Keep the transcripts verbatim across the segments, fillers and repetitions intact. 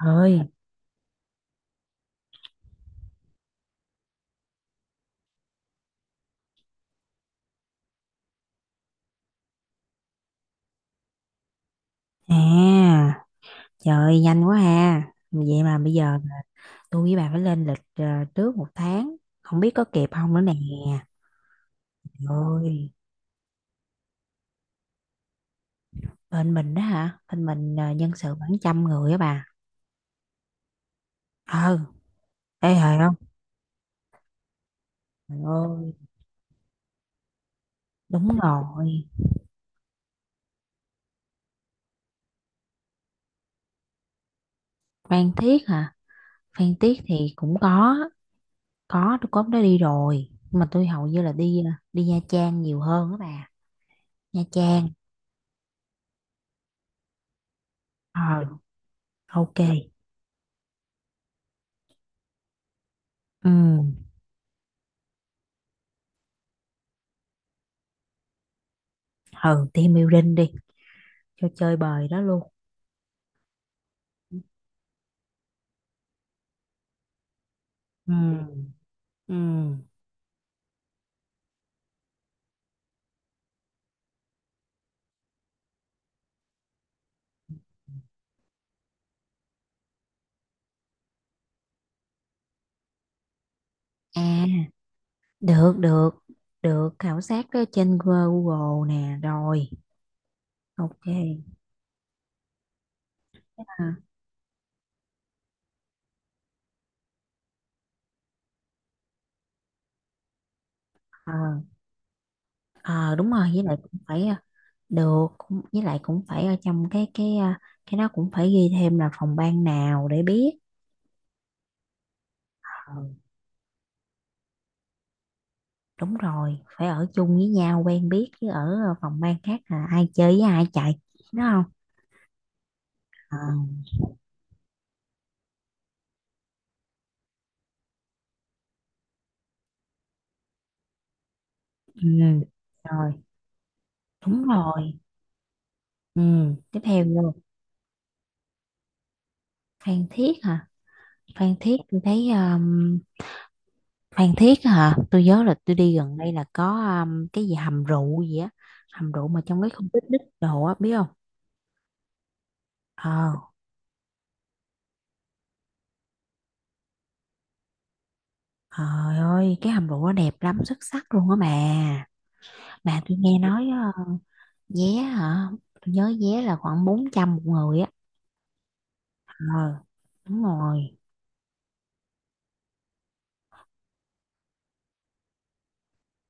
Thôi, à, trời ơi, nhanh quá ha. Vậy mà bây giờ tôi với bà phải lên lịch ờ, trước một tháng, không biết có kịp không nữa nè. Rồi, bên mình đó hả? Bên mình ờ, nhân sự khoảng trăm người á bà. Ừ, ê hề không? Trời ơi, đúng rồi. Phan Thiết hả? Phan Thiết thì cũng có, có tôi có hôm đó đi rồi. Nhưng mà tôi hầu như là đi ờ, đi Nha Trang nhiều hơn á bà. Nha Trang. Ờ, ok. Ừ, ừ, team building đi cho chơi bời đó luôn. Ừ. Ừ. À, được, được, được, khảo sát ở trên Google nè, rồi, ok. À, ờ, ờ, đúng rồi, với lại cũng phải, ờ, được, cũng, với lại cũng phải ở trong cái, cái, ờ, cái đó cũng phải ghi thêm là phòng ban nào để biết. Ờ, đúng rồi, phải ở chung với nhau, quen biết, chứ ở ờ, phòng ban khác là ai chơi với ai chạy, đúng không? Ờ, ừ, rồi, đúng rồi, ừ, tiếp theo luôn. Phan Thiết hả? Phan Thiết tôi thấy, um, Phan Thiết á hả? Tôi nhớ là tôi đi gần đây là có, um, cái gì hầm rượu gì á, hầm rượu mà trong cái khu picnic đồ á biết không? Ờ, trời ơi, cái hầm rượu nó đẹp lắm, xuất sắc luôn á mà. Mà tôi nghe nói, ờ, vé hả? Tôi nhớ vé là khoảng bốn trăm một người á. Ờ, đúng rồi.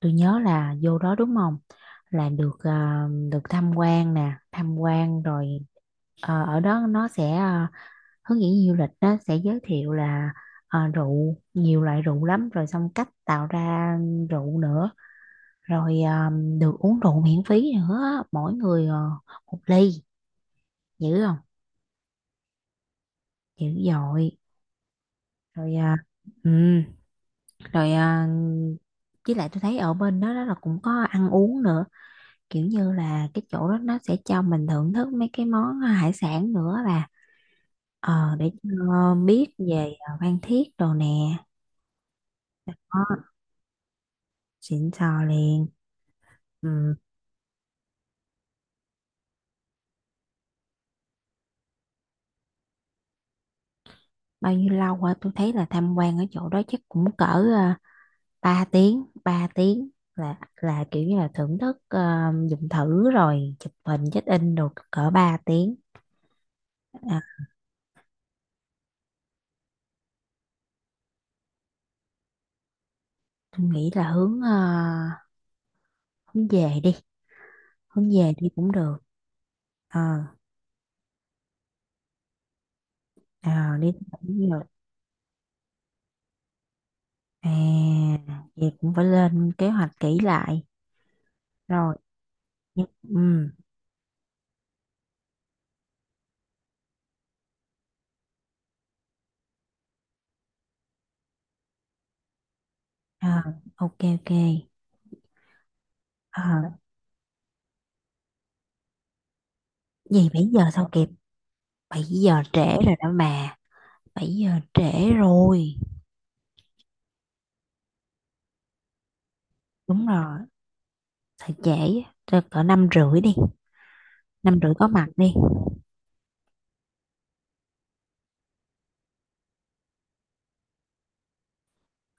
Tôi nhớ là vô đó đúng không? Là được ờ, được tham quan nè, tham quan rồi, ờ, ở đó nó sẽ, ờ, hướng dẫn viên du lịch đó sẽ giới thiệu là, ờ, rượu nhiều loại rượu lắm, rồi xong cách tạo ra rượu nữa, rồi ờm, được uống rượu miễn phí nữa mỗi người ờ, một ly, dữ không, dữ dội. Rồi, à, ừ, rồi, à, với lại tôi thấy ở bên đó, đó là cũng có ăn uống nữa, kiểu như là cái chỗ đó nó sẽ cho mình thưởng thức mấy cái món, à, hải sản nữa, là ờ, để ờ, biết về ờ, Phan Thiết đồ nè. Đó, xịn sò liền. Ừ. Bao nhiêu lâu hả? Tôi thấy là tham quan ở chỗ đó chắc cũng cỡ, à, ba tiếng ba tiếng là là kiểu như là thưởng thức, à, dùng thử rồi chụp hình check in, rồi cỡ ba tiếng à, tôi nghĩ là hướng à, hướng về đi hướng về đi cũng được. ờ à, Đi cũng được. à Vậy cũng phải lên kế hoạch kỹ lại rồi. Nhưng- ừ. à, ok, ok. à, Gì bảy giờ sao kịp? Bảy giờ trễ rồi đó mà, bảy giờ trễ rồi. Đúng rồi, thời trễ á, cỡ năm rưỡi đi, năm rưỡi có mặt đi.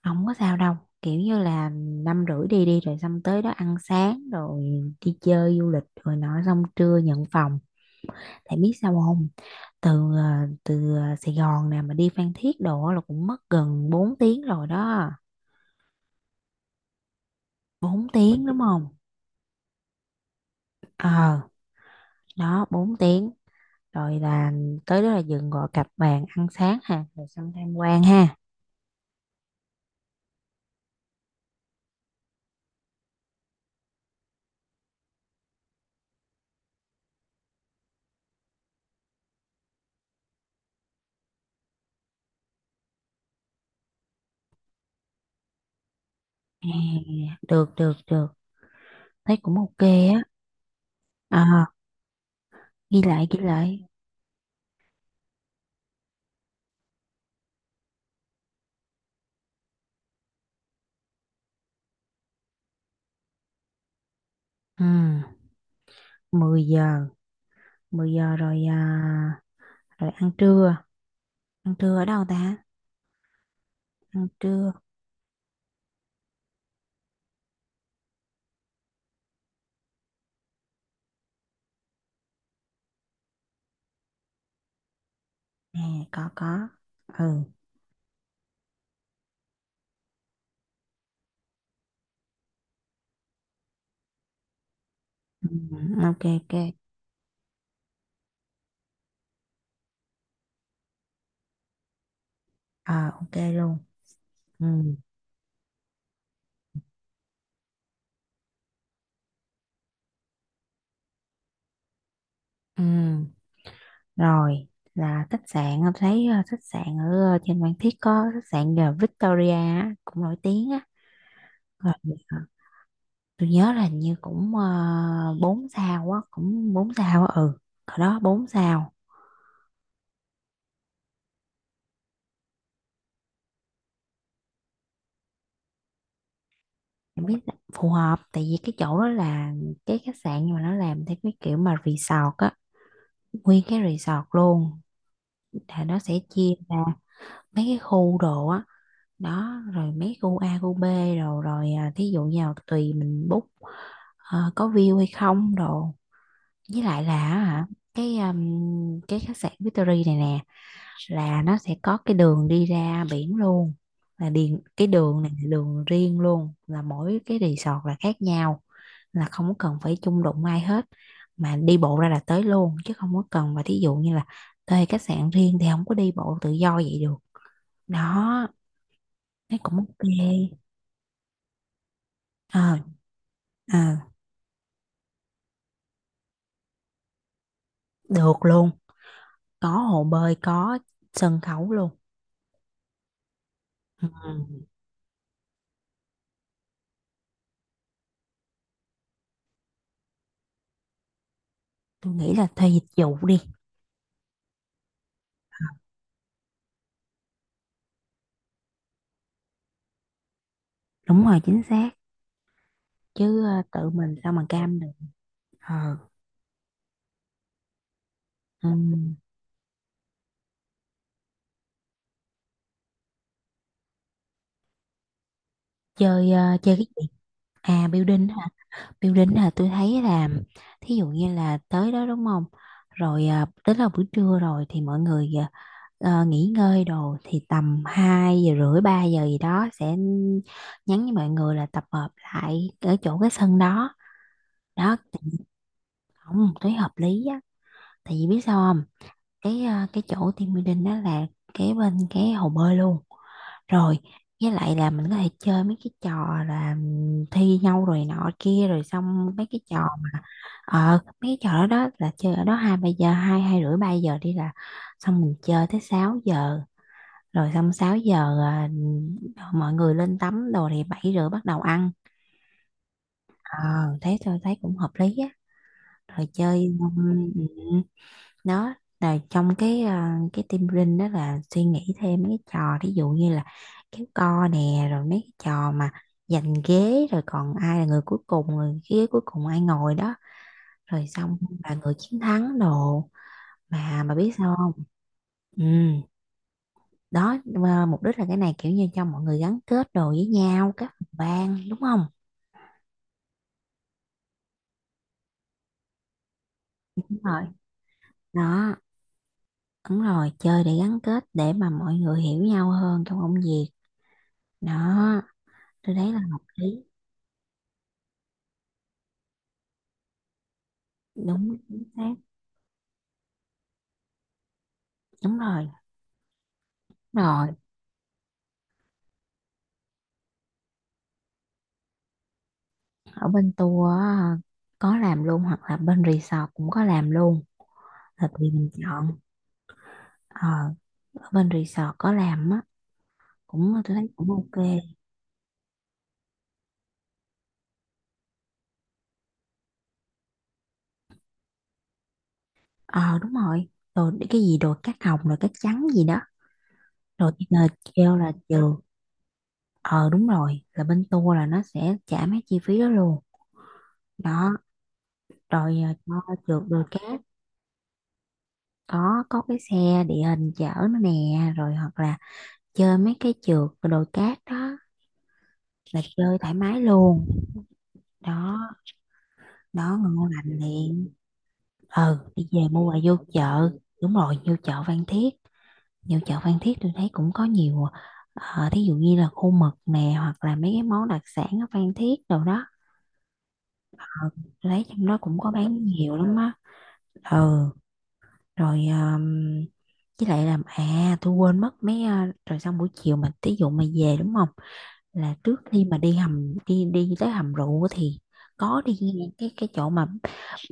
Không có sao đâu, kiểu như là năm rưỡi đi đi, rồi xong tới đó ăn sáng, rồi đi chơi du lịch rồi nọ, xong trưa nhận phòng. Tại biết sao không? Từ ờ, từ ờ, Sài Gòn nè mà đi Phan Thiết đồ là cũng mất gần bốn tiếng rồi đó. Bốn tiếng, đúng không? ờ Đó, bốn tiếng, rồi là tới đó là dừng gọi cặp bàn ăn sáng ha, rồi xong tham quan ha. À, được, được, được, thấy cũng ok á. à, Ghi lại, ghi lại. Ừ, mười giờ, mười giờ rồi. À, rồi ăn trưa, ăn trưa ở đâu ta? Ăn trưa nè, có, có. Ừ, ừ, ok, ok. À, ok luôn. Ừ, ừ. Rồi là khách sạn em thấy, à, khách sạn ở, à, trên Phan Thiết có khách sạn, à, Victoria á, cũng nổi tiếng á. Rồi, à, tôi nhớ là hình như cũng, uh, bốn sao á, cũng bốn sao á. Ừ, hồi đó bốn sao. Em biết là phù hợp, tại vì cái chỗ đó là cái khách sạn nhưng mà nó làm theo cái kiểu mà resort á, nguyên cái resort luôn, là nó sẽ chia ra mấy cái khu đồ á. Đó, rồi mấy khu A khu B. rồi rồi, à, thí dụ như là tùy mình book, ờ, có view hay không đồ, với lại là hả, cái um, cái khách sạn Victory này nè, là nó sẽ có cái đường đi ra biển luôn, là điền cái đường này là đường riêng luôn, là mỗi cái resort là khác nhau, là không có cần phải chung đụng ai hết, mà đi bộ ra là tới luôn, chứ không có cần. Và thí dụ như là thuê khách sạn riêng thì không có đi bộ tự do vậy được. Đó, nó cũng ok. ờ à, Được luôn, có hồ bơi, có sân khấu luôn. Ừ. Tôi nghĩ là thuê dịch vụ đi. Ờ, đúng rồi, chính xác, chứ ờ, tự mình sao mà cam được. ờ Ừ. Chơi ờ, chơi cái gì? À, building hả? Building là tôi thấy là, thí dụ như là tới đó đúng không? Rồi, ờ, tới là buổi trưa rồi thì mọi người, ờ, ờ, nghỉ ngơi đồ, thì tầm hai giờ rưỡi ba giờ gì đó sẽ nhắn với mọi người là tập hợp lại ở chỗ cái sân đó. Đó, tại vì không, tôi hợp lý á. Tại vì biết sao không? Cái ờ, cái chỗ team building đó là kế bên cái hồ bơi luôn. Rồi, với lại là mình có thể chơi mấy cái trò là thi nhau, rồi nọ kia, rồi xong mấy cái trò mà, ờ mấy cái trò đó đó, là chơi ở đó hai ba giờ, hai hai rưỡi ba giờ đi, là xong mình chơi tới sáu giờ, rồi xong sáu giờ à, mọi người lên tắm đồ, thì bảy rưỡi bắt đầu ăn. Ờ, thế tôi thấy cũng hợp lý á. Rồi chơi, um, đó là trong cái, à, cái team building đó là suy nghĩ thêm mấy cái trò, ví dụ như là kéo co nè, rồi mấy cái trò mà giành ghế, rồi còn ai là người cuối cùng, người ghế cuối cùng ai ngồi đó, rồi xong là người chiến thắng đồ. Mà mà biết sao không? Ừ, đó mà mục đích là cái này, kiểu như cho mọi người gắn kết đồ với nhau, các phòng ban đúng không? Đúng rồi. Đó, đúng rồi, chơi để gắn kết, để mà mọi người hiểu nhau hơn trong công việc. Đó, tôi thấy là hợp lý. Đúng, chính xác. Đúng rồi. Rồi, ở bên tour á, có làm luôn, hoặc là bên resort cũng có làm luôn, là tùy mình chọn. ờ Ở bên resort có làm á, cũng tôi thấy cũng ok. ờ Đúng rồi. Rồi. Đi- cái gì đồ cát hồng rồi cát trắng gì đó. Rồi chỉ là kêu là trừ. ờ Đúng rồi, là bên tour là nó sẽ trả mấy chi phí đó luôn. Đó, rồi, à, cho trượt đồi cát, có có cái xe địa hình chở nó nè. Rồi hoặc là chơi mấy cái trượt đồi cát đó, là chơi thoải mái luôn. Đó, đó, ngon lành liền. Ừ, đi về mua là vô chợ. Đúng rồi, vô chợ Phan Thiết. Vô chợ Phan Thiết tôi thấy cũng có nhiều, ờ, thí dụ như là khô mực nè, hoặc là mấy cái món đặc sản ở Phan Thiết đồ đó. Ờ, tôi thấy trong đó cũng có bán nhiều lắm á. Ừ, rồi, um, với lại làm, à tôi quên mất mấy, ờ, rồi xong buổi chiều mà thí dụ mà về đúng không, là trước khi mà đi hầm đi đi tới hầm rượu thì có đi ngang cái cái chỗ mà,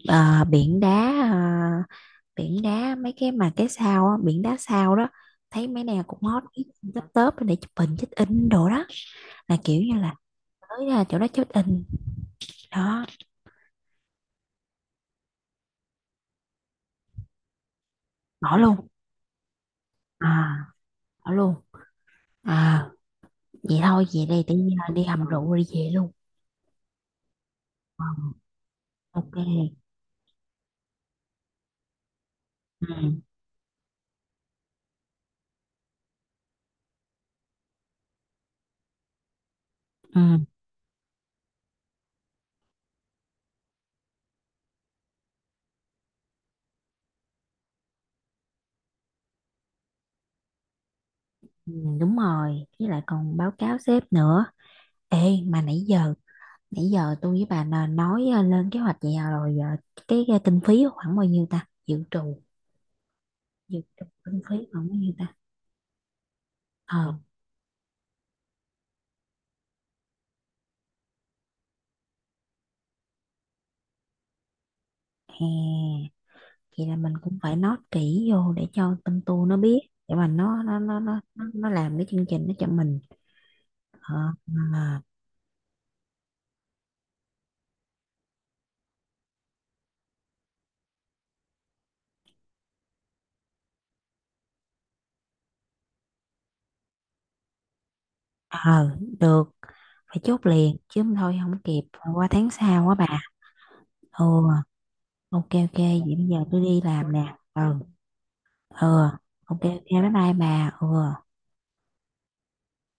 Ờ, biển đá, ờ, biển đá mấy cái mà cái sao á, biển đá sao đó, thấy mấy nào cũng hot, tấp tớp để chụp hình check in đồ đó, là kiểu như là tới ra chỗ đó check in. Đó, bỏ luôn. à Bỏ luôn. à Vậy thôi về đây tự nhiên là đi hầm rượu rồi đi về luôn. Ờ, ok. Ừ, ừ, ừ, đúng rồi, với lại còn báo cáo sếp nữa. Ê, mà nãy giờ nãy giờ tôi với bà là nói, ờ, lên kế hoạch vậy, à, rồi giờ cái, cái kinh phí khoảng bao nhiêu ta dự trù? Dự trù kinh phí còn cái gì ta? ờ Hè, vậy là mình cũng phải nói kỹ vô để cho tâm tu nó biết, để mà nó nó nó nó nó nó làm cái chương trình nó cho mình. ờ mà- ờ Được, phải chốt liền chứ không thôi không kịp, qua tháng sau quá bà. Ừ, ok, ok, vậy bây giờ tôi đi làm nè. Ừ, ừ, ok, ok, bye bye bà. Ừ.